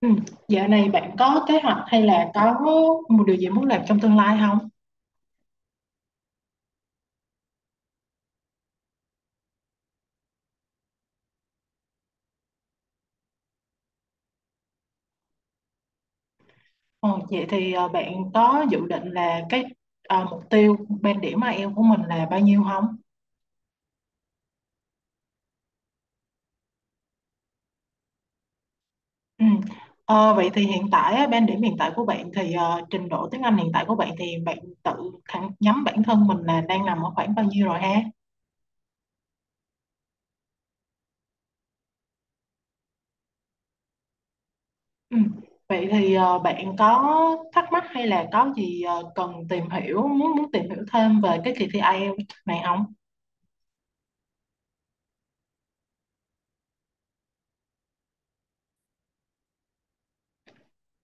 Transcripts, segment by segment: Ừ. Dạo này bạn có kế hoạch hay là có một điều gì muốn làm trong tương lai không? Ờ, Vậy thì bạn có dự định là cái mục tiêu band điểm IELTS của mình là bao nhiêu không? Ừ. Vậy thì hiện tại á, band điểm hiện tại của bạn thì trình độ tiếng Anh hiện tại của bạn thì bạn tự thẳng nhắm bản thân mình là đang nằm ở khoảng bao nhiêu rồi, ha? Ừ. Vậy thì bạn có thắc mắc hay là có gì cần tìm hiểu muốn muốn tìm hiểu thêm về cái kỳ thi IELTS này không?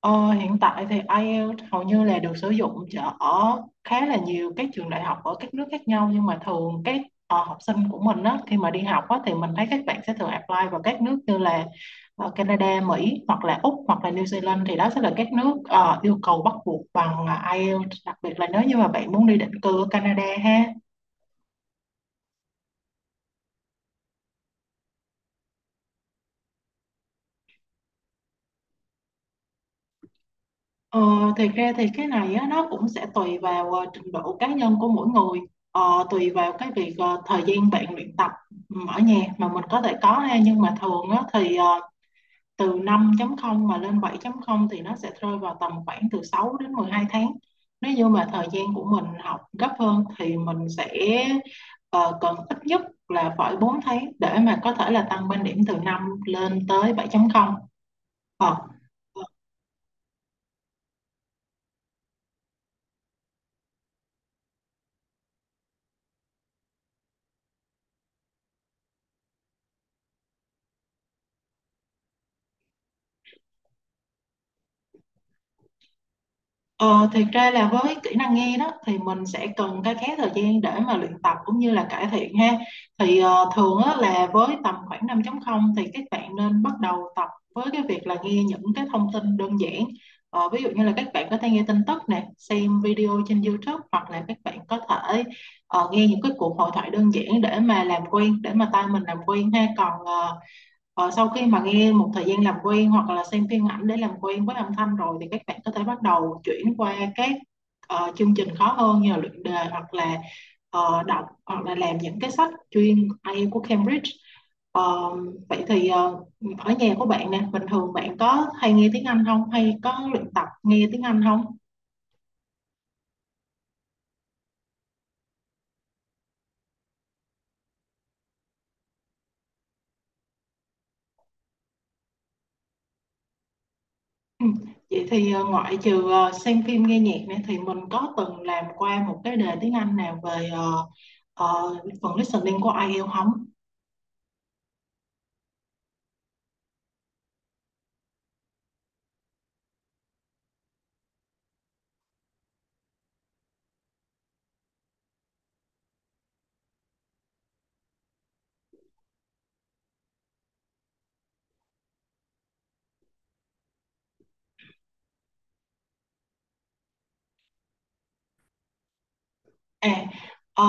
Ờ, Hiện tại thì IELTS hầu như là được sử dụng ở khá là nhiều các trường đại học ở các nước khác nhau, nhưng mà thường các học sinh của mình á, khi mà đi học á, thì mình thấy các bạn sẽ thường apply vào các nước như là Canada, Mỹ hoặc là Úc hoặc là New Zealand. Thì đó sẽ là các nước yêu cầu bắt buộc bằng IELTS, đặc biệt là nếu như mà bạn muốn đi định cư ở Canada, ha. Ờ, thì ra thì cái này á, nó cũng sẽ tùy vào trình độ cá nhân của mỗi người, tùy vào cái việc thời gian bạn luyện tập ở nhà mà mình có thể có, ha. Nhưng mà thường á, thì từ 5 không mà lên 7 không thì nó sẽ rơi vào tầm khoảng từ 6 đến 12 tháng. Nếu như mà thời gian của mình học gấp hơn thì mình sẽ ờ, cần ít nhất là phải 4 tháng để mà có thể là tăng bên điểm từ 5 lên tới 7 không ờ Ờ, Thiệt ra là với kỹ năng nghe đó thì mình sẽ cần cái khá thời gian để mà luyện tập cũng như là cải thiện, ha. Thì thường á, là với tầm khoảng 5.0 thì các bạn nên bắt đầu tập với cái việc là nghe những cái thông tin đơn giản. Ví dụ như là các bạn có thể nghe tin tức nè, xem video trên YouTube, hoặc là các bạn có thể nghe những cái cuộc hội thoại đơn giản để mà làm quen, để mà tai mình làm quen, ha. Sau khi mà nghe một thời gian làm quen hoặc là xem phim ảnh để làm quen với âm thanh rồi thì các bạn có thể bắt đầu chuyển qua các chương trình khó hơn như là luyện đề hoặc là đọc hoặc là làm những cái sách chuyên IELTS của Cambridge. Ờ, Vậy thì ở nhà của bạn nè, bình thường bạn có hay nghe tiếng Anh không? Hay có luyện tập nghe tiếng Anh không? Ừ. Vậy thì ngoại trừ xem phim nghe nhạc nè thì mình có từng làm qua một cái đề tiếng Anh nào về phần listening của IELTS không? À, ờ,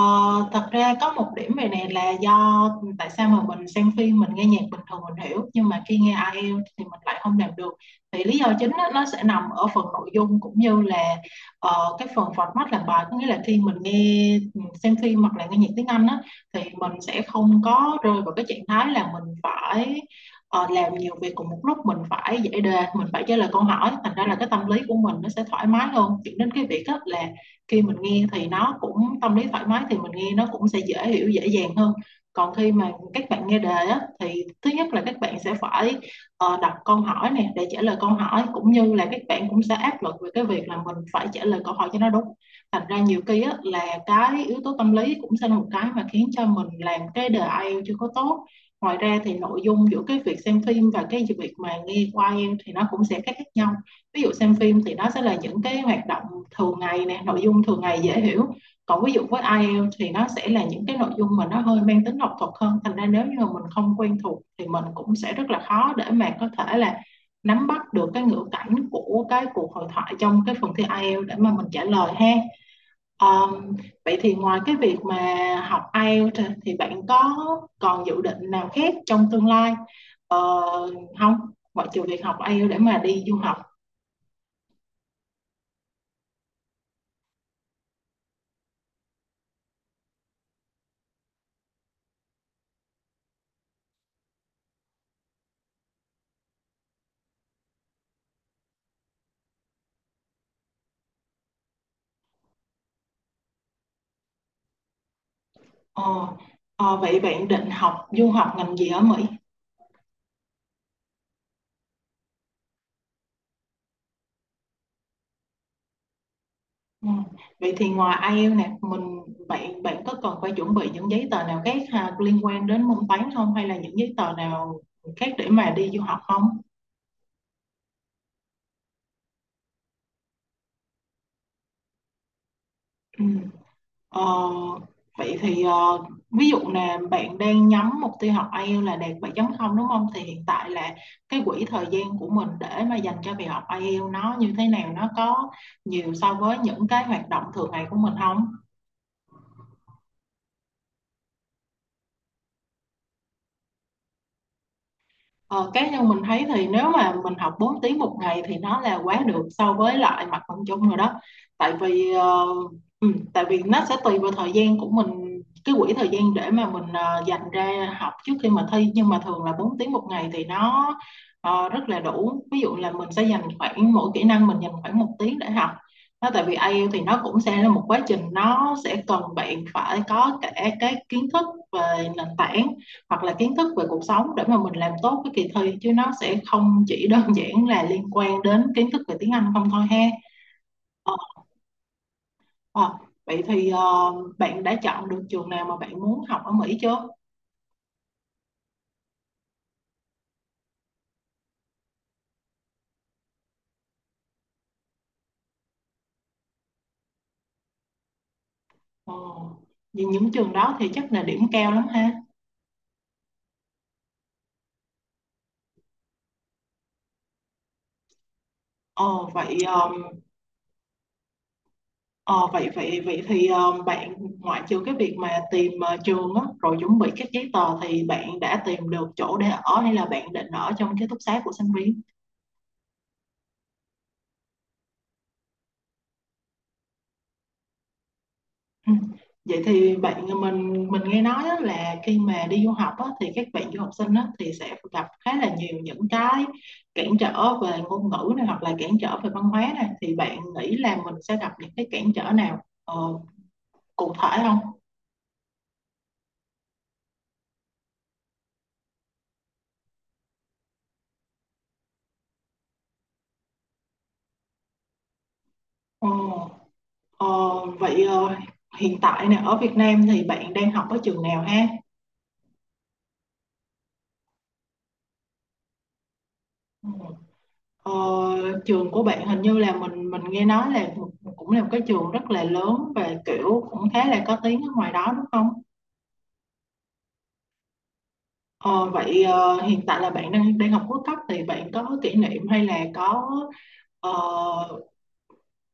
thật ra có một điểm về này là do tại sao mà mình xem phim, mình nghe nhạc bình thường mình hiểu, nhưng mà khi nghe IELTS thì mình lại không làm được. Thì lý do chính á, nó sẽ nằm ở phần nội dung cũng như là cái phần format làm bài. Có nghĩa là khi mình nghe xem phim hoặc là nghe nhạc tiếng Anh á, thì mình sẽ không có rơi vào cái trạng thái là mình phải làm nhiều việc cùng một lúc, mình phải giải đề, mình phải trả lời câu hỏi. Thành ra là cái tâm lý của mình nó sẽ thoải mái hơn, dẫn đến cái việc á, là khi mình nghe thì nó cũng tâm lý thoải mái thì mình nghe nó cũng sẽ dễ hiểu, dễ dàng hơn. Còn khi mà các bạn nghe đề á, thì thứ nhất là các bạn sẽ phải đọc câu hỏi nè để trả lời câu hỏi, cũng như là các bạn cũng sẽ áp lực về cái việc là mình phải trả lời câu hỏi cho nó đúng. Thành ra nhiều khi á, là cái yếu tố tâm lý cũng sẽ là một cái mà khiến cho mình làm cái đề IELTS chưa có tốt. Ngoài ra thì nội dung giữa cái việc xem phim và cái việc mà nghe qua IELTS thì nó cũng sẽ khác khác nhau. Ví dụ xem phim thì nó sẽ là những cái hoạt động thường ngày nè, nội dung thường ngày dễ hiểu. Còn ví dụ với IELTS thì nó sẽ là những cái nội dung mà nó hơi mang tính học thuật hơn. Thành ra nếu như mà mình không quen thuộc thì mình cũng sẽ rất là khó để mà có thể là nắm bắt được cái ngữ cảnh của cái cuộc hội thoại trong cái phần thi IELTS để mà mình trả lời, ha. um, Vậy thì ngoài cái việc mà học IELTS thì bạn có còn dự định nào khác trong tương lai không, ngoại trừ việc học IELTS để mà đi du học? Ờ, Vậy bạn định học du học ngành gì ở Mỹ? Ừ. Vậy thì ngoài IELTS nè, mình bạn bạn có cần phải chuẩn bị những giấy tờ nào khác ha, liên quan đến môn toán không, hay là những giấy tờ nào khác để mà đi du học không? Ừ. Ờ, Vậy thì ví dụ là bạn đang nhắm mục tiêu học IELTS là đạt 7.0, đúng không? Thì hiện tại là cái quỹ thời gian của mình để mà dành cho việc học IELTS nó như thế nào? Nó có nhiều so với những cái hoạt động thường ngày của mình không? Ờ, Cá nhân mình thấy thì nếu mà mình học 4 tiếng một ngày thì nó là quá được so với lại mặt bằng chung rồi đó. Tại vì tại vì nó sẽ tùy vào thời gian của mình, cái quỹ thời gian để mà mình dành ra học trước khi mà thi. Nhưng mà thường là 4 tiếng một ngày thì nó rất là đủ. Ví dụ là mình sẽ dành khoảng mỗi kỹ năng mình dành khoảng 1 tiếng để học nó. Tại vì IELTS thì nó cũng sẽ là một quá trình, nó sẽ cần bạn phải có cả cái kiến thức về nền tảng hoặc là kiến thức về cuộc sống để mà mình làm tốt cái kỳ thi, chứ nó sẽ không chỉ đơn giản là liên quan đến kiến thức về tiếng Anh không thôi, ha. ờ, ờ, Vậy thì bạn đã chọn được trường nào mà bạn muốn học ở Mỹ chưa? ờ, Vì những trường đó thì chắc là điểm cao lắm, ha. Ờ, vậy ờ, ờ, vậy vậy vậy thì bạn, ngoại trừ cái việc mà tìm trường á, rồi chuẩn bị các giấy tờ, thì bạn đã tìm được chỗ để ở hay là bạn định ở trong ký túc xá của sinh viên? Ừ. Vậy thì bạn, mình nghe nói á, là khi mà đi du học á, thì các bạn du học sinh á, thì sẽ gặp khá là nhiều những cái cản trở về ngôn ngữ này hoặc là cản trở về văn hóa này, thì bạn nghĩ là mình sẽ gặp những cái cản trở nào cụ thể không? Ờ, ờ, vậy hiện tại nè ở Việt Nam thì bạn đang học ở trường nào, ha? Ừ. Ờ, Trường của bạn hình như là mình nghe nói là cũng là một cái trường rất là lớn và kiểu cũng khá là có tiếng ở ngoài đó, đúng không? Ờ, Vậy hiện tại là bạn đang đang học cuối cấp, thì bạn có kỷ niệm hay là có ờ,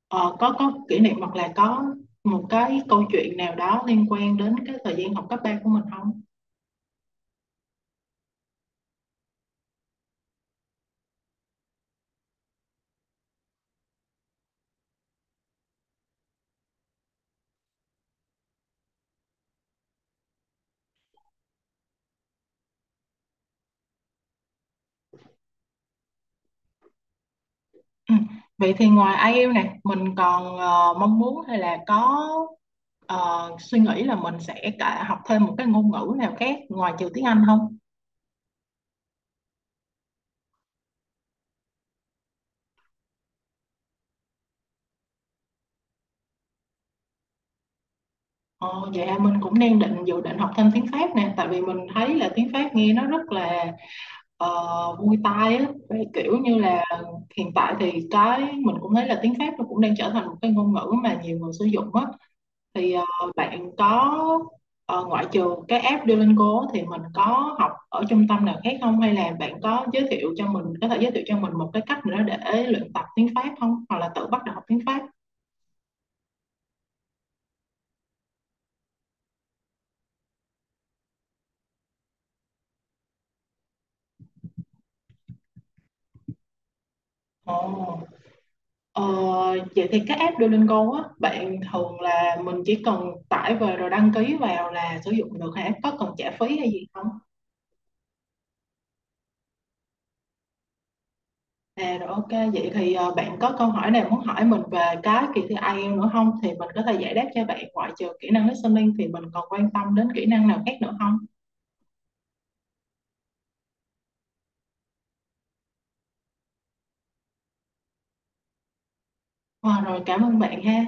có kỷ niệm hoặc là có một cái câu chuyện nào đó liên quan đến cái thời gian học cấp 3 của mình không? Ừ. Vậy thì ngoài ai IELTS này mình còn mong muốn hay là có suy nghĩ là mình sẽ cả học thêm một cái ngôn ngữ nào khác ngoài trừ tiếng Anh không? Ờ, dạ, mình cũng đang định dự định học thêm tiếng Pháp nè, tại vì mình thấy là tiếng Pháp nghe nó rất là Muay Thai á. Vậy kiểu như là hiện tại thì cái mình cũng thấy là tiếng Pháp nó cũng đang trở thành một cái ngôn ngữ mà nhiều người sử dụng á. Thì bạn có ngoại trừ cái app Duolingo á, thì mình có học ở trung tâm nào khác không, hay là bạn có thể giới thiệu cho mình một cái cách nữa để luyện tập tiếng Pháp không, hoặc là tự bắt đầu học tiếng Pháp? Ồ, ờ, vậy thì cái app Duolingo á, bạn thường là mình chỉ cần tải về rồi đăng ký vào là sử dụng được hả? Có cần trả phí hay gì không? À, rồi OK, vậy thì bạn có câu hỏi nào muốn hỏi mình về cái kỳ thi IELTS nữa không? Thì mình có thể giải đáp cho bạn. Ngoại trừ kỹ năng listening thì mình còn quan tâm đến kỹ năng nào khác nữa không? Ờ, Rồi, cảm ơn bạn, ha.